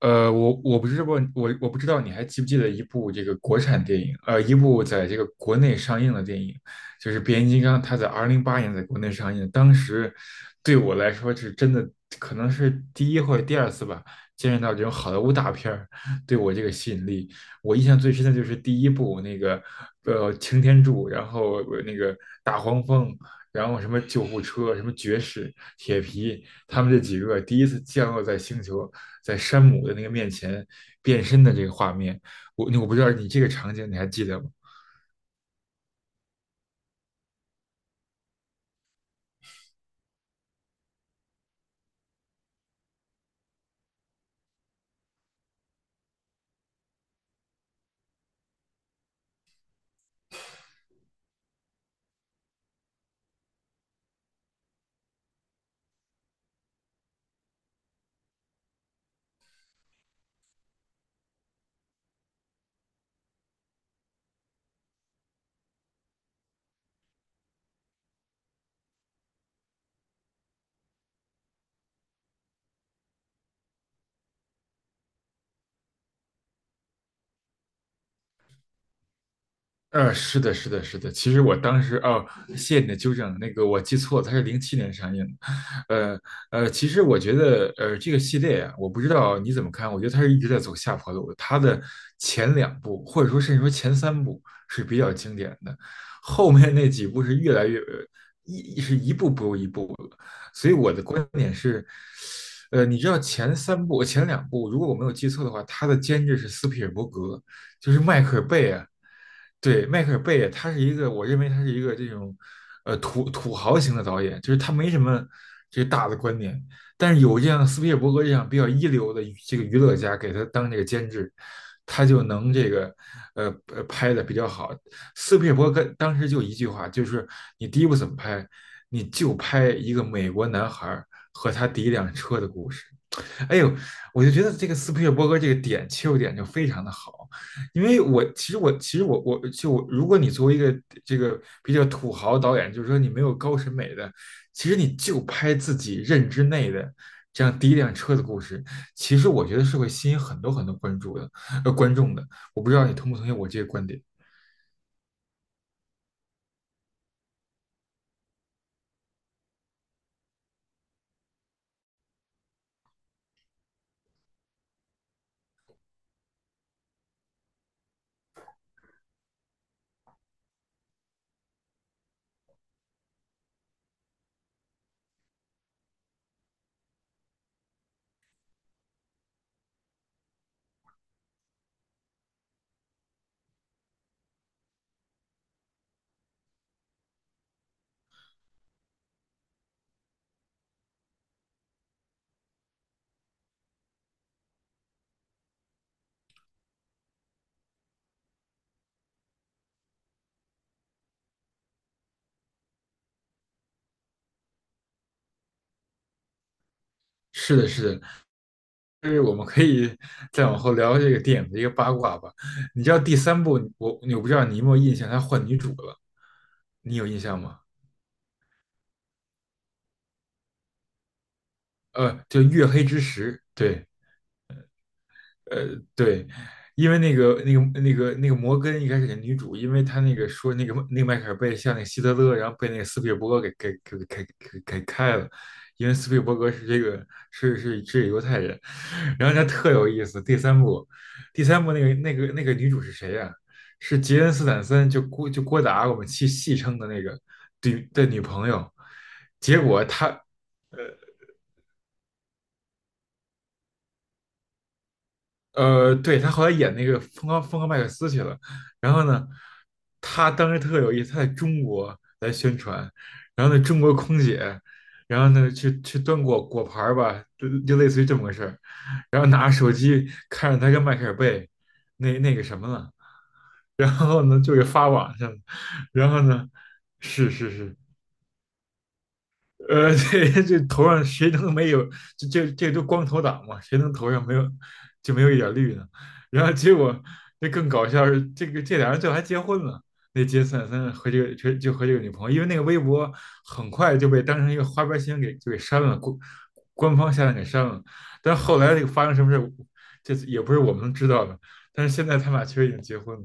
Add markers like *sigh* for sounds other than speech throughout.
我不知道，我不知道你还记不记得一部这个国产电影，一部在这个国内上映的电影，就是《变形金刚》，它在2008年在国内上映，当时对我来说是真的，可能是第一或者第二次吧，见识到这种好莱坞大片儿对我这个吸引力。我印象最深的就是第一部那个，擎天柱，然后那个大黄蜂，然后什么救护车，什么爵士、铁皮，他们这几个第一次降落在星球。在山姆的那个面前变身的这个画面。我不知道你这个场景你还记得吗？是的，是的，是的。其实我当时哦，谢谢你的纠正，那个我记错了，它是07年上映的。呃其实我觉得，这个系列啊，我不知道你怎么看，我觉得它是一直在走下坡路的。它的前两部，或者说甚至说前三部是比较经典的，后面那几部是越来越一步不如一步了。所以我的观点是，你知道前三部、前两部，如果我没有记错的话，它的监制是斯皮尔伯格，就是迈克尔贝啊。对，迈克尔贝，他是一个，我认为他是一个这种，土豪型的导演，就是他没什么这个大的观点，但是有这样斯皮尔伯格这样比较一流的这个娱乐家给他当这个监制，他就能这个，拍的比较好。斯皮尔伯格当时就一句话，就是你第一部怎么拍，你就拍一个美国男孩儿和他第一辆车的故事。哎呦，我就觉得这个斯皮尔伯格这个切入点就非常的好，因为我其实我其实我我就我如果你作为一个这个比较土豪导演，就是说你没有高审美的，其实你就拍自己认知内的这样第一辆车的故事，其实我觉得是会吸引很多很多关注的观众的。我不知道你同不同意我这个观点？是的，是的，就是我们可以 *laughs* 再往后聊这个电影的一个八卦吧。你知道第三部，我不知道你有没有印象，他换女主了，你有印象吗？就《月黑之时》，对，呃，对，因为那个摩根一开始的女主，因为他那个说那个迈克尔贝像那个希特勒，然后被那个斯皮尔伯格给给给开了，因为斯皮尔伯格是犹太人，然后他特有意思。第三部那个女主是谁呀、是杰恩斯坦森，就郭达我们戏称的那个女朋友。结果他。对，他后来演那个《疯狂疯狂麦克斯》去了。然后呢，他当时特有意思，他在中国来宣传，然后呢，中国空姐，然后呢，去端果盘儿吧，就类似于这么个事儿。然后拿着手机看着他跟迈克尔贝那个什么了，*laughs* 然后呢，就给发网上了然后呢，是是是，*laughs* 这头上谁能没有？这都光头党嘛，谁能头上没有就没有一点绿呢？然后结果这更搞笑是，这个这俩人最后还结婚了。那杰森·斯坦森和这个就和这个女朋友，因为那个微博很快就被当成一个花边新闻给删了，官方下来给删了。但后来这个发生什么事，这也不是我们能知道的。但是现在他们俩确实已经结婚了，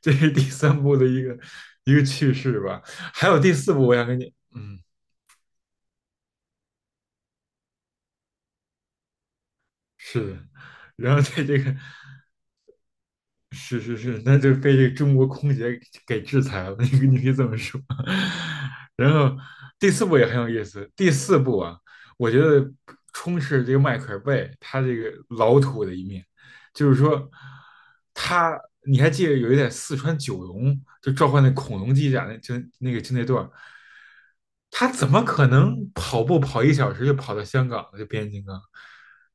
这是第三部的一个趣事吧。还有第四部，我想跟你，嗯。是的，然后在这个是是是，那就被这个中国空姐给制裁了，*laughs* 你可以这么说。*laughs* 然后第四部也很有意思，第四部啊，我觉得充斥这个迈克尔贝他这个老土的一面，就是说他你还记得有一点四川九龙就召唤那恐龙机甲那就那个就那段儿他怎么可能跑步跑1小时就跑到香港呢？就变形金刚，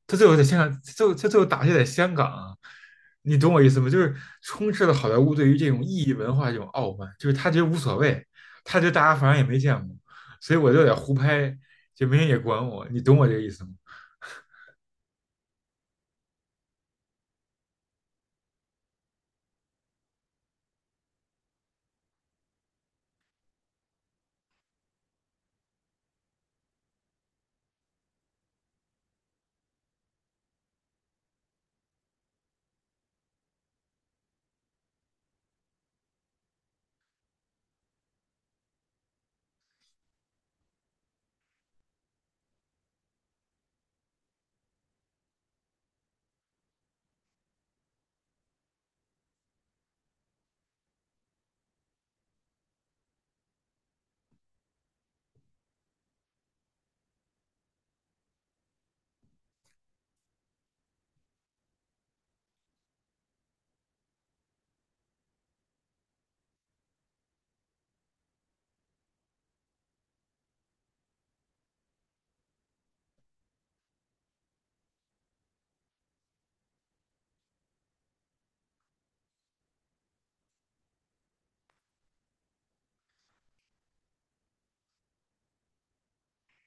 他最后在香港，最后打戏在香港啊你懂我意思吗？就是充斥了好莱坞对于这种异域文化这种傲慢，就是他觉得无所谓，他觉得大家反正也没见过，所以我就得胡拍，就没人也管我，你懂我这个意思吗？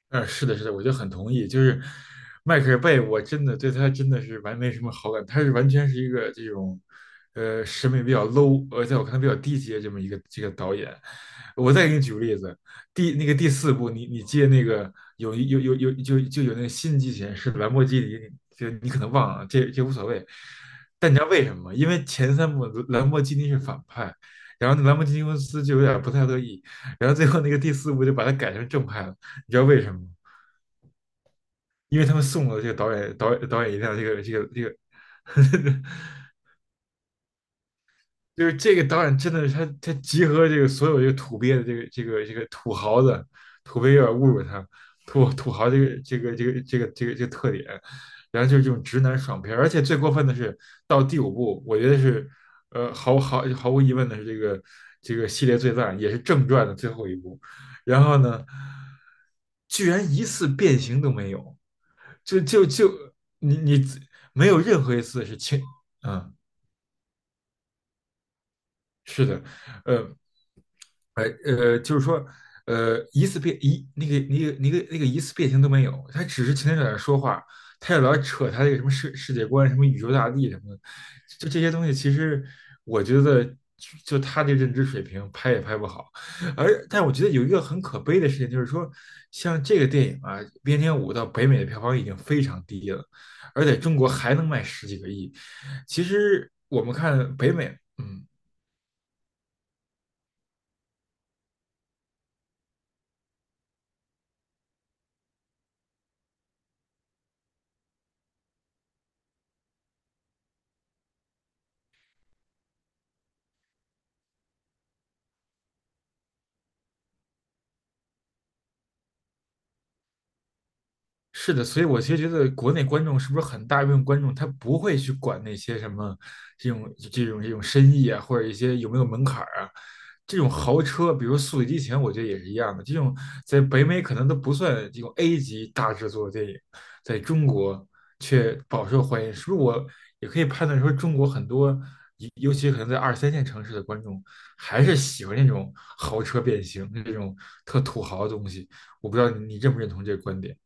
嗯，是的，是的，我就很同意。就是迈克尔贝，我真的对他真的没什么好感，他完全是一个这种，审美比较 low,而且我看他比较低级的这么一个这个导演。我再给你举个例子，第那个第四部，你接那个有有有有就就有那个新机器人是兰博基尼，你可能忘了，这无所谓。但你知道为什么吗？因为前三部兰博基尼是反派，然后那兰博基尼公司就有点不太乐意，然后最后那个第四部就把它改成正派了。你知道为什么吗？因为他们送了这个导演一辆这个就是这个导演真的是他，他集合这个所有这个土鳖的这个土豪的土鳖有点侮辱他，土豪这个特点，然后就是这种直男爽片儿而且最过分的是到第五部，我觉得是毫无疑问的是这个这个系列最烂，也是正传的最后一部，然后呢，居然一次变形都没有，就就就你你没有任何一次是轻，嗯，是的。呃，就是说，一次变一那个那个那个那个一次变形都没有，他只是天天在那说话，他也老扯他那个什么世界观、什么宇宙大帝什么的，就这些东西，其实我觉得就他的认知水平拍也拍不好，而但我觉得有一个很可悲的事情，就是说，像这个电影啊，《边疆五》到北美的票房已经非常低了，而在中国还能卖十几个亿，其实我们看北美。嗯，是的，所以我其实觉得国内观众是不是很大一部分观众他不会去管那些什么这种这种深意啊，或者一些有没有门槛儿啊，这种豪车，比如《速度与激情》，我觉得也是一样的。这种在北美可能都不算这种 A 级大制作的电影，在中国却饱受欢迎，是不是？我也可以判断说，中国很多，尤其可能在二三线城市的观众，还是喜欢那种豪车变形，这种特土豪的东西。我不知道你认不认同这个观点。